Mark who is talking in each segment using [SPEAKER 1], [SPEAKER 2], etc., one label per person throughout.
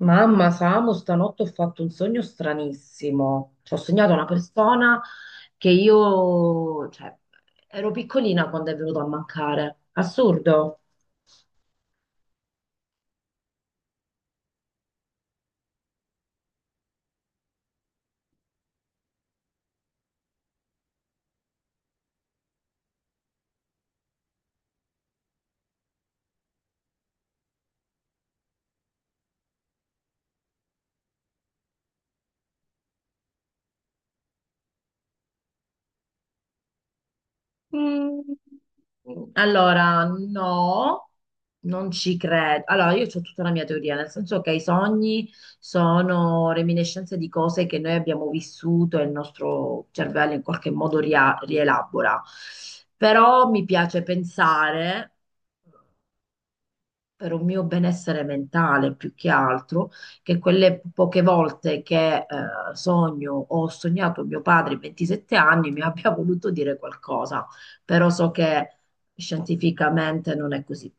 [SPEAKER 1] Mamma, Samu, stanotte ho fatto un sogno stranissimo. Cioè, ho sognato una persona che io, cioè, ero piccolina quando è venuto a mancare. Assurdo. Allora, no, non ci credo. Allora, io ho tutta la mia teoria, nel senso che i sogni sono reminiscenze di cose che noi abbiamo vissuto e il nostro cervello in qualche modo rielabora. Però mi piace pensare per un mio benessere mentale più che altro, che quelle poche volte che sogno o ho sognato mio padre a 27 anni mi abbia voluto dire qualcosa, però so che scientificamente non è così.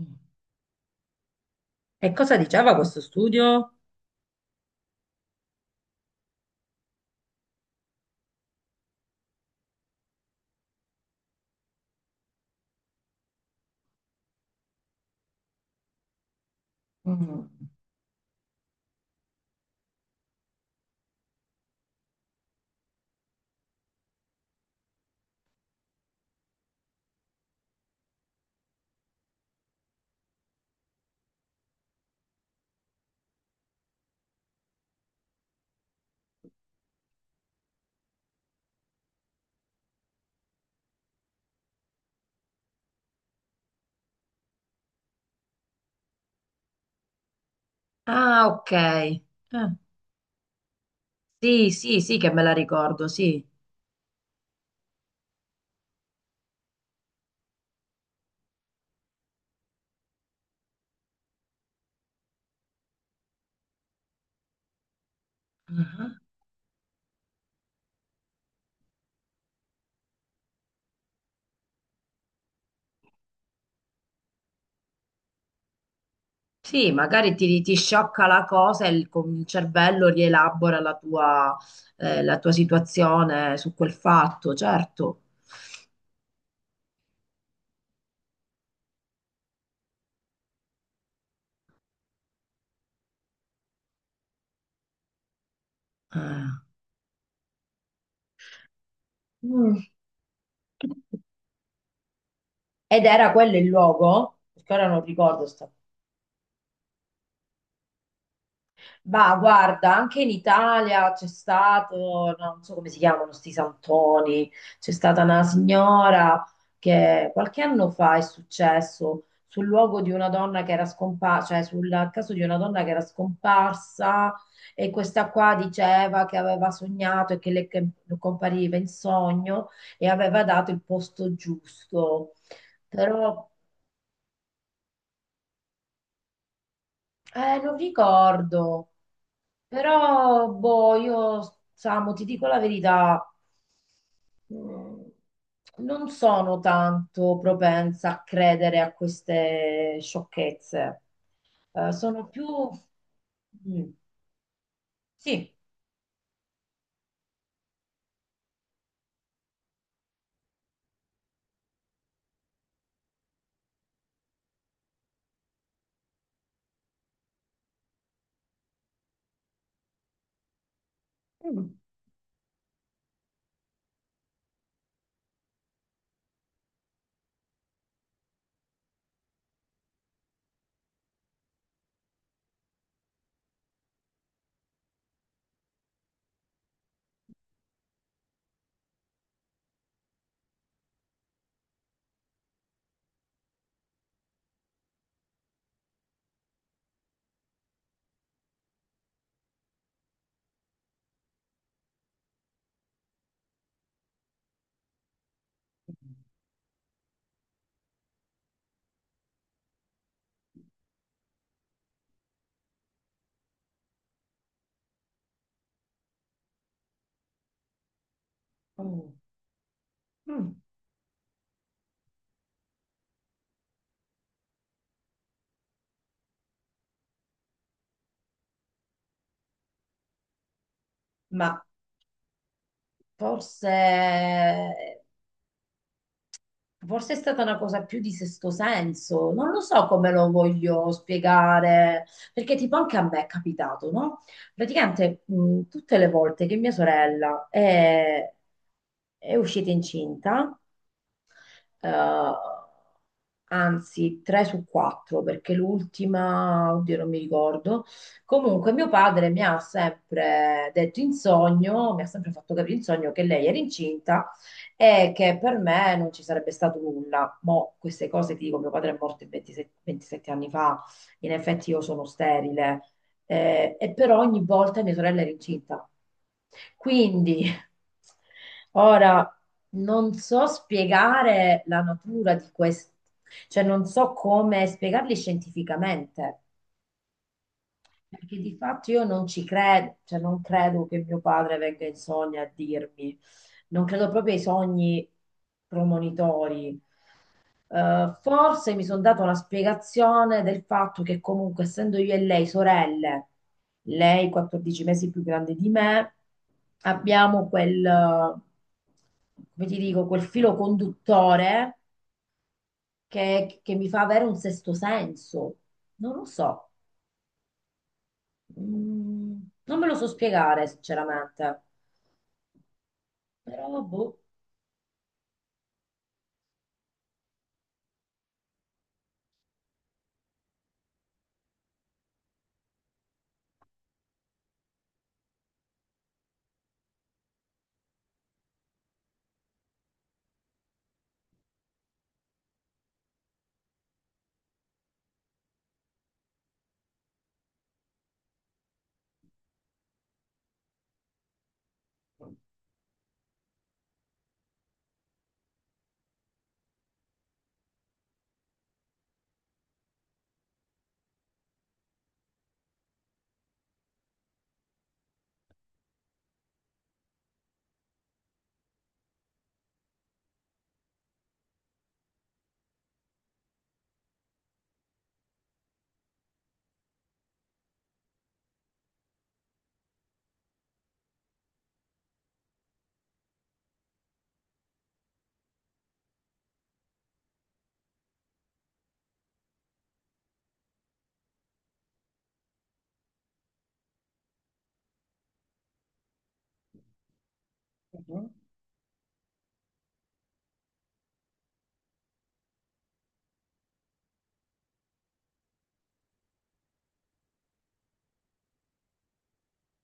[SPEAKER 1] Mm. E cosa diceva questo studio? Mm. Ah, ok. Sì, sì, sì, che me la ricordo, sì. Sì, magari ti sciocca la cosa e con il cervello rielabora la tua situazione su quel fatto, certo. Eh. Mm. Ed era quello il luogo, perché ora non ricordo sta. Ma guarda, anche in Italia c'è stato, no, non so come si chiamano sti santoni, c'è stata una signora che qualche anno fa è successo sul luogo di una donna che era scomparsa, cioè sul caso di una donna che era scomparsa e questa qua diceva che aveva sognato e che le che compariva in sogno e aveva dato il posto giusto. Però non ricordo. Però, boh, io, Samu, ti dico la verità, mm, non sono tanto propensa a credere a queste sciocchezze. Sono più... Mm, sì, mm, mm, ma forse... Forse è stata una cosa più di sesto senso, non lo so come lo voglio spiegare, perché tipo anche a me è capitato, no? Praticamente tutte le volte che mia sorella è uscita incinta, eh, anzi, tre su quattro, perché l'ultima, oddio, non mi ricordo. Comunque, mio padre mi ha sempre detto in sogno, mi ha sempre fatto capire in sogno che lei era incinta e che per me non ci sarebbe stato nulla. Mo' queste cose ti dico, mio padre è morto 27 anni fa, in effetti io sono sterile, e però ogni volta mia sorella era incinta. Quindi, ora non so spiegare la natura di questo, cioè non so come spiegarli scientificamente, perché di fatto io non ci credo, cioè non credo che mio padre venga in sogno a dirmi, non credo proprio ai sogni premonitori. Forse mi sono dato la spiegazione del fatto che comunque essendo io e lei sorelle, lei 14 mesi più grande di me, abbiamo quel, come ti dico, quel filo conduttore che mi fa avere un sesto senso. Non lo so, mm, non me lo so spiegare sinceramente, però boh. Mhm.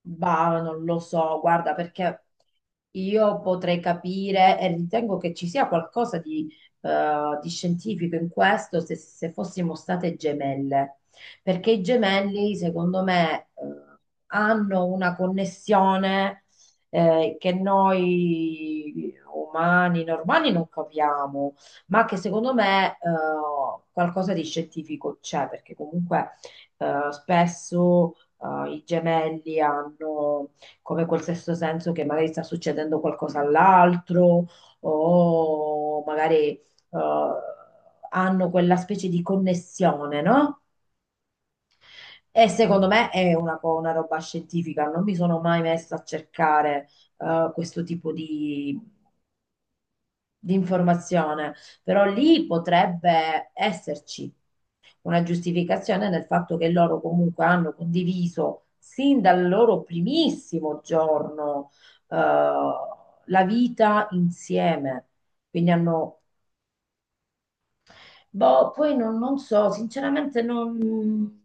[SPEAKER 1] Bah, non lo so, guarda, perché io potrei capire e ritengo che ci sia qualcosa di scientifico in questo se fossimo state gemelle, perché i gemelli, secondo me, hanno una connessione, che noi umani normali non capiamo, ma che secondo me, qualcosa di scientifico c'è, perché comunque, spesso i gemelli hanno come quel sesto senso che magari sta succedendo qualcosa all'altro o magari hanno quella specie di connessione, no? E secondo me è una roba scientifica, non mi sono mai messa a cercare questo tipo di informazione, però lì potrebbe esserci una giustificazione nel fatto che loro comunque hanno condiviso sin dal loro primissimo giorno eh, la vita insieme. Quindi hanno, boh, poi non so, sinceramente non...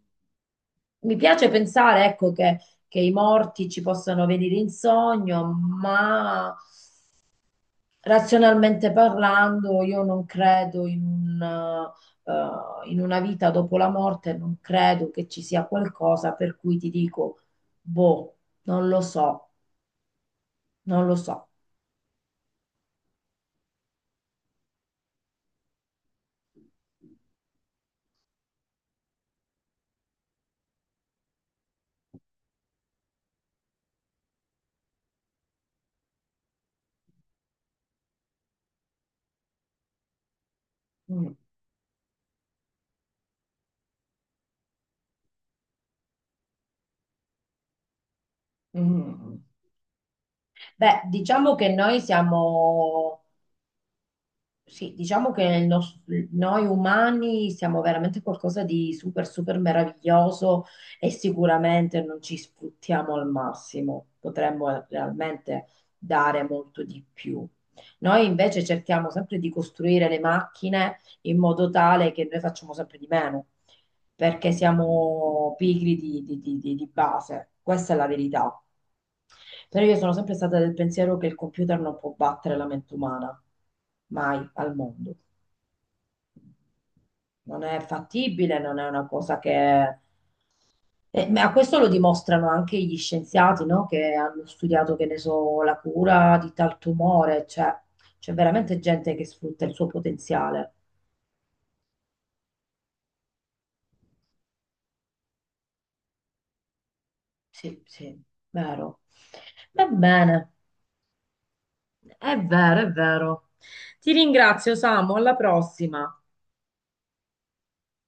[SPEAKER 1] Mi piace pensare, ecco, che i morti ci possano venire in sogno, ma razionalmente parlando, io non credo in un, in una vita dopo la morte, non credo che ci sia qualcosa per cui ti dico, boh, non lo so, non lo so. Mm, mm. Mm, mm. Beh, diciamo che noi siamo... Sì, diciamo che noi umani siamo veramente qualcosa di super, super meraviglioso e sicuramente non ci sfruttiamo al massimo, potremmo realmente dare molto di più. Noi invece cerchiamo sempre di costruire le macchine in modo tale che noi facciamo sempre di meno, perché siamo pigri di base, questa è la verità. Però io sono sempre stata del pensiero che il computer non può battere la mente umana, mai al mondo non è fattibile, non è una cosa che... Eh, ma questo lo dimostrano anche gli scienziati, no? Che hanno studiato, che ne so, la cura di tal tumore, cioè c'è veramente gente che sfrutta il suo potenziale. Sì, sì, vero. Va bene, è vero, è vero. Ti ringrazio, Samu, alla prossima.